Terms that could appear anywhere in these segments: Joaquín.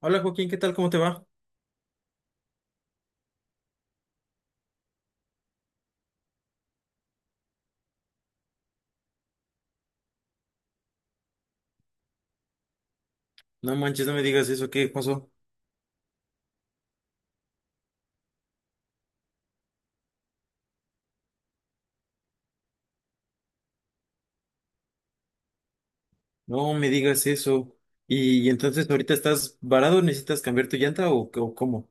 Hola Joaquín, ¿qué tal? ¿Cómo te va? No manches, no me digas eso, ¿qué pasó? No me digas eso. Y entonces ahorita estás varado, ¿necesitas cambiar tu llanta o cómo?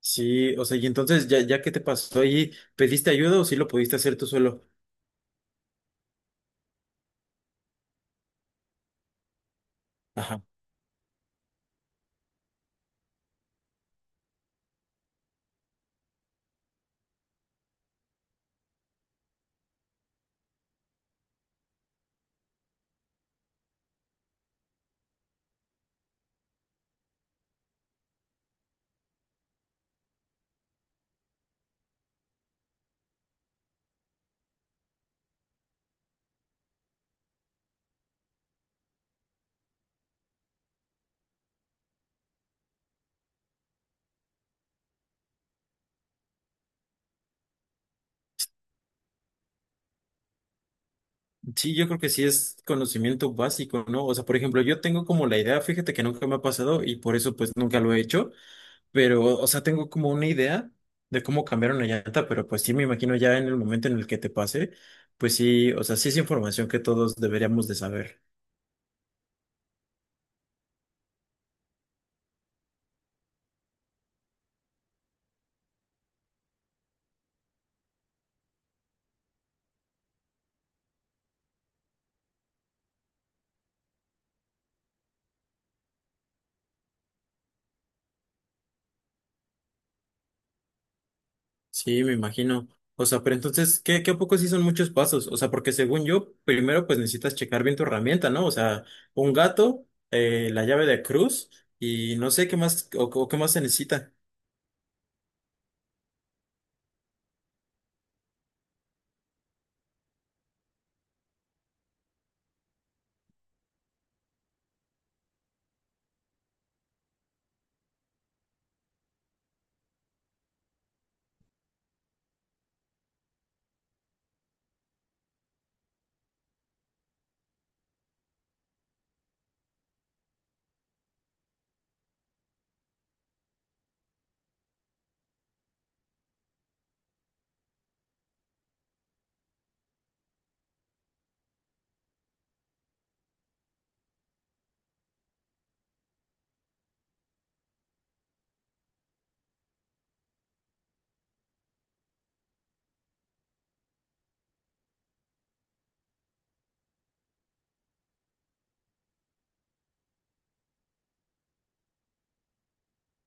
Sí, o sea, y entonces ya que te pasó ahí, ¿pediste ayuda o sí lo pudiste hacer tú solo? Ajá. Sí, yo creo que sí es conocimiento básico, ¿no? O sea, por ejemplo, yo tengo como la idea, fíjate que nunca me ha pasado y por eso pues nunca lo he hecho. Pero, o sea, tengo como una idea de cómo cambiar una llanta, pero pues sí me imagino ya en el momento en el que te pase, pues sí, o sea, sí es información que todos deberíamos de saber. Sí, me imagino. O sea, pero entonces, ¿qué a poco sí son muchos pasos? O sea, porque según yo, primero pues necesitas checar bien tu herramienta, ¿no? O sea, un gato, la llave de cruz y no sé qué más, o qué más se necesita.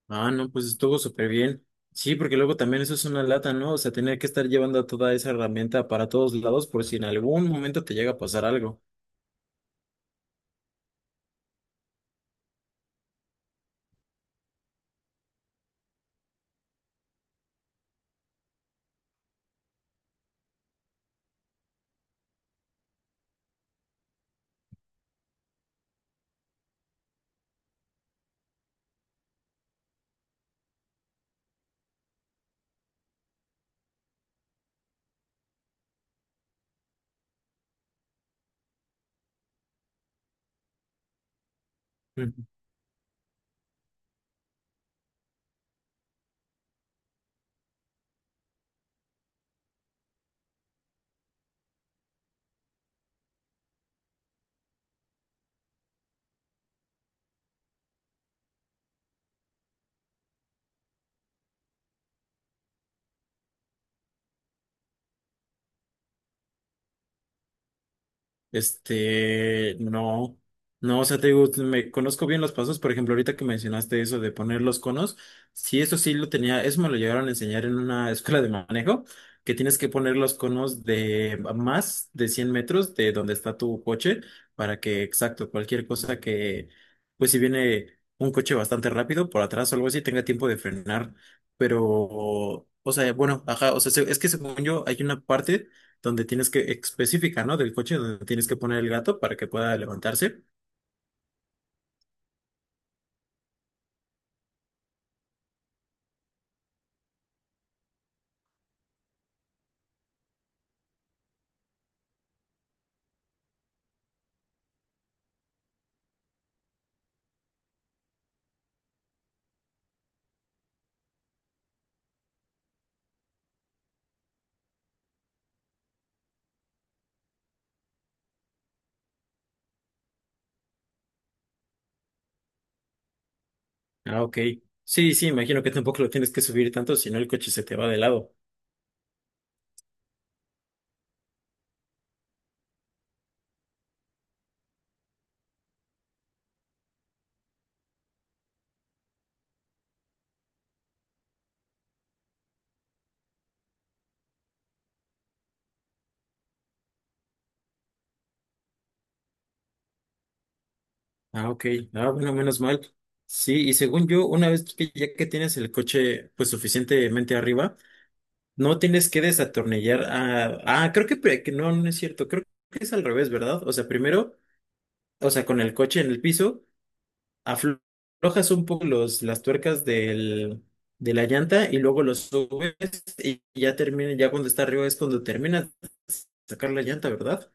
Ah, no, pues estuvo súper bien. Sí, porque luego también eso es una lata, ¿no? O sea, tener que estar llevando toda esa herramienta para todos lados por si en algún momento te llega a pasar algo. Mm. Este, no, no, o sea, te digo, me conozco bien los pasos, por ejemplo, ahorita que mencionaste eso de poner los conos, sí, eso sí lo tenía, eso me lo llegaron a enseñar en una escuela de manejo, que tienes que poner los conos de más de 100 metros de donde está tu coche, para que, exacto, cualquier cosa que, pues si viene un coche bastante rápido por atrás o algo así, tenga tiempo de frenar, pero, o sea, bueno, ajá, o sea, es que según yo, hay una parte donde tienes que, específica, ¿no? Del coche donde tienes que poner el gato para que pueda levantarse. Ah, ok. Sí, sí, imagino que tampoco lo tienes que subir tanto, si no el coche se te va de lado. Ah, ok. Ah, bueno, menos mal. Sí, y según yo, una vez que ya que tienes el coche pues suficientemente arriba, no tienes que desatornillar a... Ah, creo que, que no, no es cierto. Creo que es al revés, ¿verdad? O sea, primero, o sea, con el coche en el piso. Aflojas un poco las tuercas de la llanta y luego los subes y ya termina, ya cuando está arriba es cuando terminas de sacar la llanta, ¿verdad?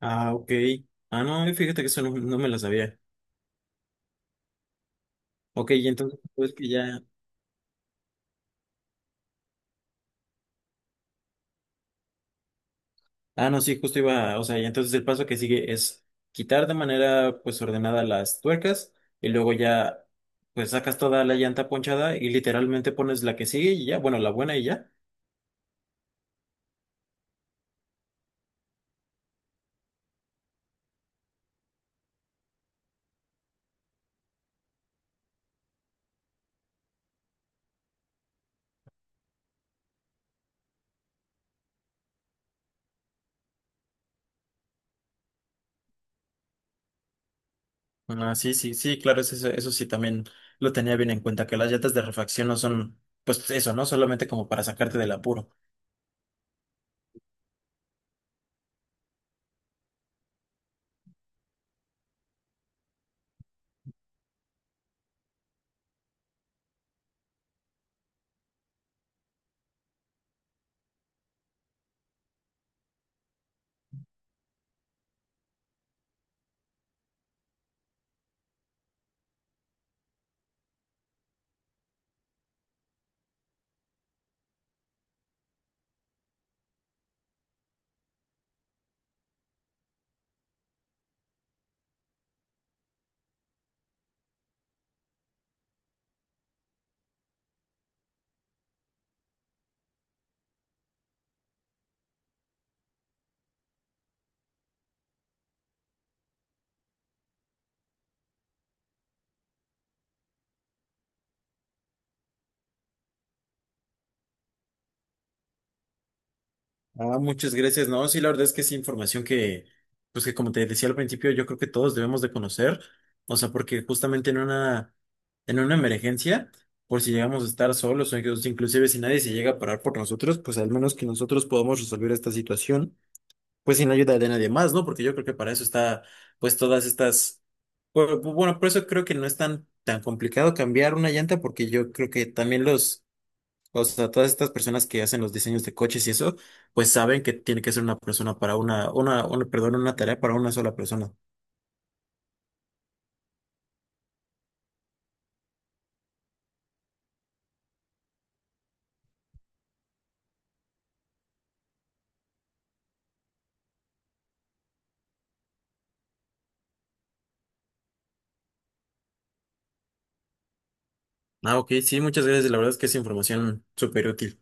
Ah, ok. Ah, no, fíjate que eso no, no me lo sabía. Ok, y entonces pues que ya. Ah, no, sí, justo iba, o sea, y entonces el paso que sigue es quitar de manera pues ordenada las tuercas y luego ya pues sacas toda la llanta ponchada y literalmente pones la que sigue y ya, bueno, la buena y ya. Ah, sí, sí, sí, claro, eso, eso sí también lo tenía bien en cuenta, que las llantas de refacción no son, pues eso, ¿no? Solamente como para sacarte del apuro. Ah, muchas gracias, ¿no? Sí, la verdad es que es información que, pues que como te decía al principio, yo creo que todos debemos de conocer, o sea, porque justamente en una emergencia, por si llegamos a estar solos o inclusive si nadie se llega a parar por nosotros, pues al menos que nosotros podamos resolver esta situación, pues sin la ayuda de nadie más, ¿no? Porque yo creo que para eso está, pues todas estas, bueno, por eso creo que no es tan complicado cambiar una llanta, porque yo creo que también los, o sea, todas estas personas que hacen los diseños de coches y eso, pues saben que tiene que ser una persona para perdón, una tarea para una sola persona. Ah, ok, sí, muchas gracias, la verdad es que es información súper útil.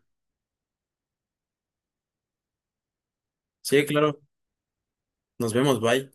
Sí, claro, nos vemos, bye.